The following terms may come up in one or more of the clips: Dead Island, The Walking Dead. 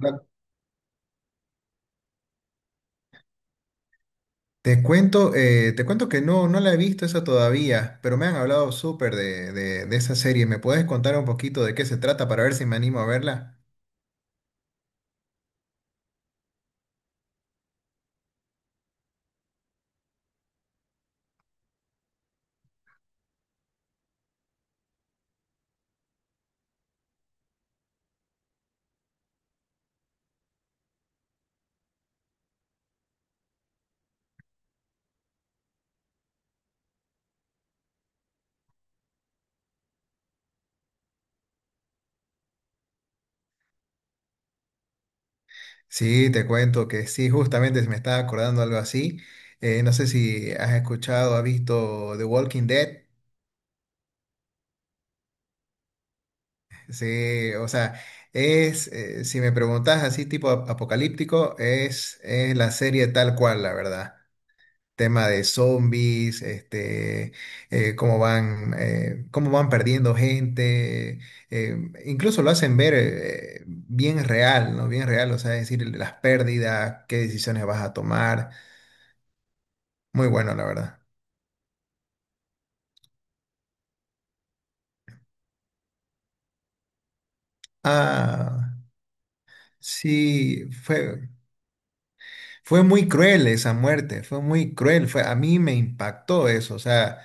Hola. Te cuento que no la he visto esa todavía, pero me han hablado súper de esa serie. ¿Me puedes contar un poquito de qué se trata para ver si me animo a verla? Sí, te cuento que sí, justamente me estaba acordando algo así. No sé si has escuchado, has visto The Walking Dead. Sí, o sea, es, si me preguntas así tipo apocalíptico, es la serie tal cual, la verdad. Tema de zombies, este, cómo van perdiendo gente, eh, incluso lo hacen ver bien real, ¿no? Bien real, o sea, es decir, las pérdidas, qué decisiones vas a tomar, muy bueno, la verdad. Ah, sí, fue muy cruel esa muerte, fue muy cruel, fue, a mí me impactó eso, o sea...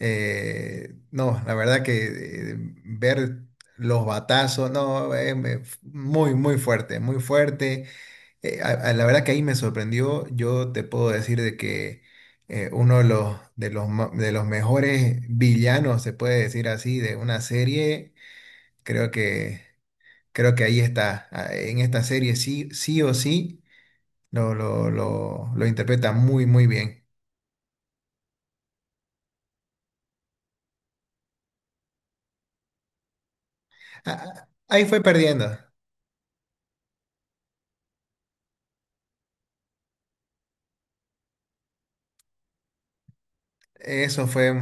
No, la verdad que eh, ver los batazos, no, muy, muy fuerte, muy fuerte. La verdad que ahí me sorprendió. Yo te puedo decir de que uno de de los mejores villanos, se puede decir así, de una serie, creo que, creo que ahí está. Ah, en esta serie sí, sí o sí, lo interpreta muy, muy bien. Ah, ah, ahí fue perdiendo. Eso fue.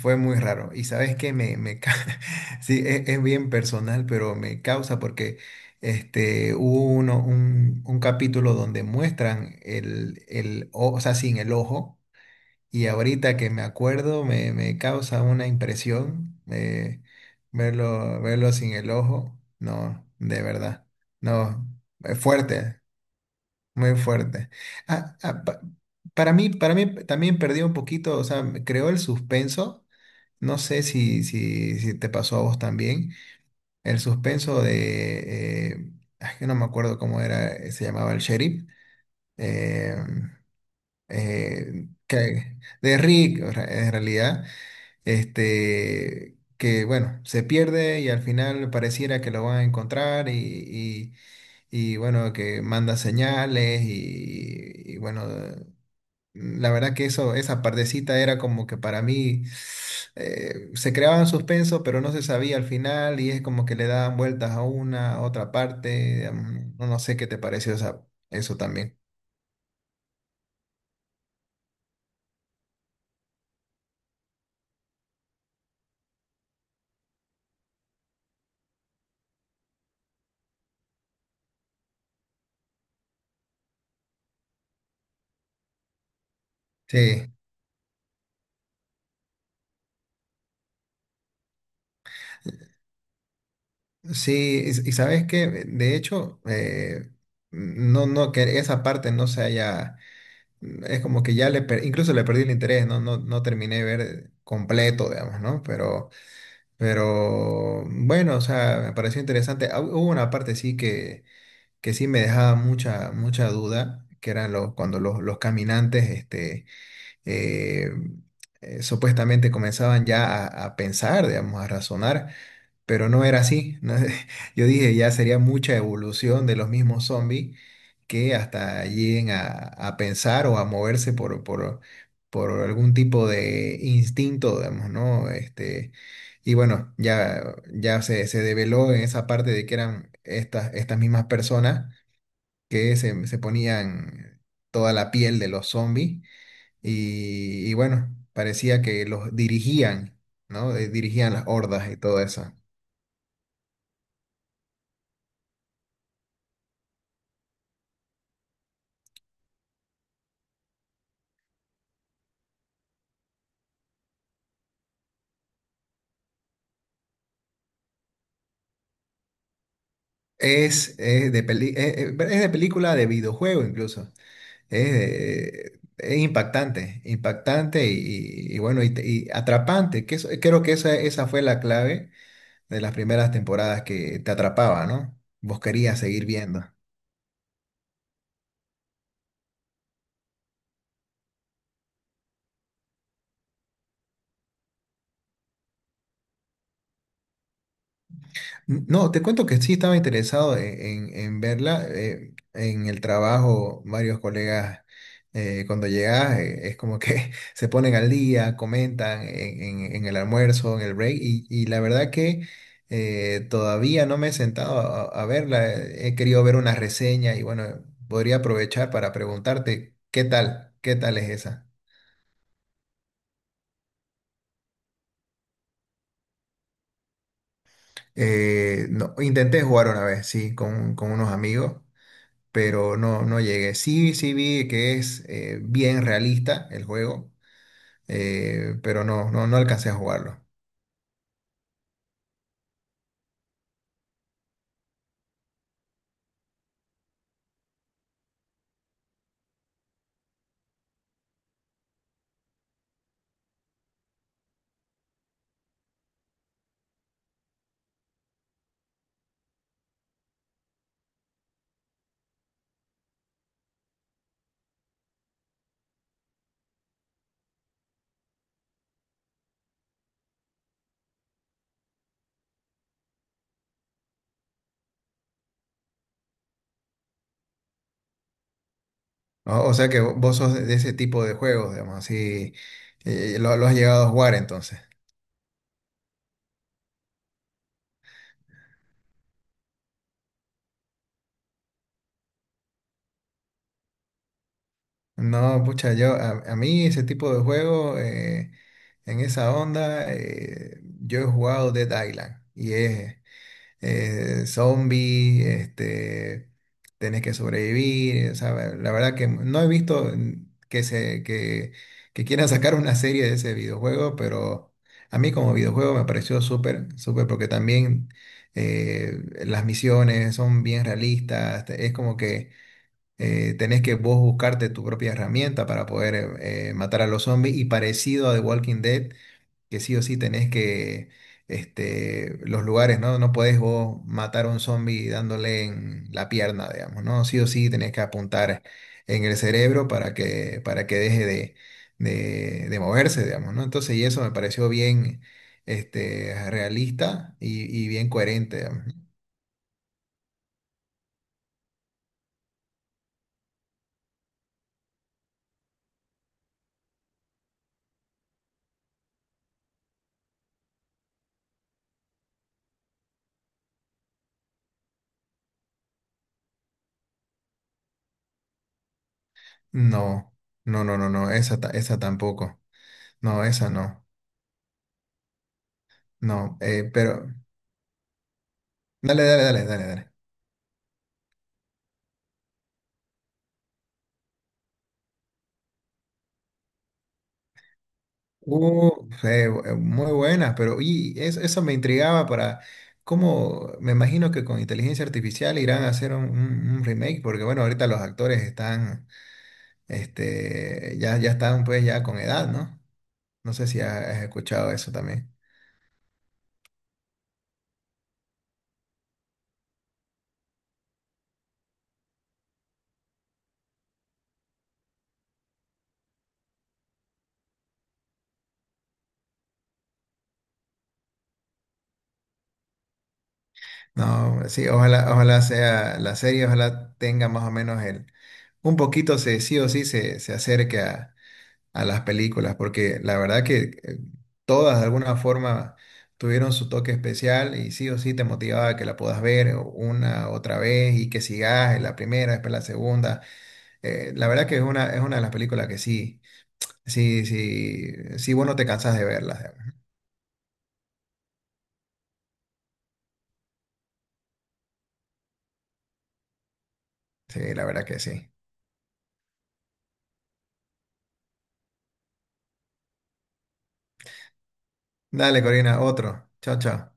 Fue muy raro. Y sabes que sí, es bien personal, pero me causa porque este, hubo un capítulo donde muestran el o sea, sin el ojo. Y ahorita que me acuerdo, me causa una impresión verlo, verlo sin el ojo. No, de verdad. No, es fuerte, muy fuerte. Ah, ah, para mí también perdió un poquito, o sea, creó el suspenso. No sé si te pasó a vos también. El suspenso de... ay, que no me acuerdo cómo era, se llamaba el sheriff. eh, eh, que- de Rick, o sea, en realidad. Este, que bueno, se pierde y al final pareciera que lo van a encontrar y, bueno, que manda señales bueno... La verdad que eso, esa partecita era como que para mí se creaban suspenso, pero no se sabía al final y es como que le daban vueltas a una, a otra parte. No no sé qué te pareció eso también. Sí, sí, y sabes que de hecho, no, que esa parte no se haya, es como que ya le, incluso le perdí el interés, no terminé de ver completo, digamos, ¿no? Pero bueno, o sea, me pareció interesante. Ah, hubo una parte sí que sí me dejaba mucha, mucha duda, que eran los, cuando los caminantes este, eh, supuestamente comenzaban ya a pensar, digamos, a razonar, pero no era así. ¿No? Yo dije, ya sería mucha evolución de los mismos zombies que hasta lleguen a pensar o a moverse por algún tipo de instinto, digamos, ¿no? Este, y bueno, ya se develó en esa parte de que eran estas mismas personas que se ponían toda la piel de los zombies y bueno, parecía que los dirigían, ¿no? Dirigían las hordas y todo eso. Es de película, de videojuego incluso. Es impactante, impactante y bueno, y atrapante. Creo que esa fue la clave de las primeras temporadas que te atrapaba, ¿no? Vos querías seguir viendo. No, te cuento que sí estaba interesado en verla. En el trabajo, varios colegas, cuando llegas, es como que se ponen al día, comentan en el almuerzo, en el break, y la verdad que todavía no me he sentado a verla. He querido ver una reseña y bueno, podría aprovechar para preguntarte, ¿qué tal? ¿Qué tal es esa? No, intenté jugar una vez, sí, con unos amigos. Pero no, no llegué. Sí, sí vi que es bien realista el juego, pero no alcancé a jugarlo. O sea que vos sos de ese tipo de juegos, digamos, así, lo has llegado a jugar entonces. No, pucha, yo, a mí ese tipo de juego, en esa onda, yo he jugado Dead Island y es, zombie, este, tenés que sobrevivir. O sea, la verdad que no he visto que quieran sacar una serie de ese videojuego, pero a mí como videojuego me pareció súper, súper, porque también eh, las misiones son bien realistas, es como que... Tenés que vos buscarte tu propia herramienta para poder matar a los zombies y parecido a The Walking Dead, que sí o sí tenés que, este, los lugares, ¿no? No podés vos matar a un zombie dándole en la pierna, digamos, ¿no? Sí o sí tenés que apuntar en el cerebro para que deje de moverse, digamos, ¿no? Entonces, y eso me pareció bien, este, realista y bien coherente, digamos. No, no, esa, esa tampoco. No, esa no, no, pero dale, dale, dale, dale, dale. Muy buenas, pero eso, me intrigaba para cómo, me imagino que con inteligencia artificial irán a hacer un remake, porque bueno, ahorita los actores están, este, ya, ya están pues ya con edad, ¿no? No sé si has escuchado eso también. No, sí, ojalá, ojalá sea la serie, ojalá tenga más o menos el, un poquito sí o sí se acerque a las películas, porque la verdad que todas de alguna forma tuvieron su toque especial y sí o sí te motivaba a que la puedas ver una otra vez y que sigas en la primera, después la segunda. La verdad que es es una de las películas que sí, vos no te cansás de verlas. Sí, la verdad que sí. Dale, Corina, otro. Chao, chao.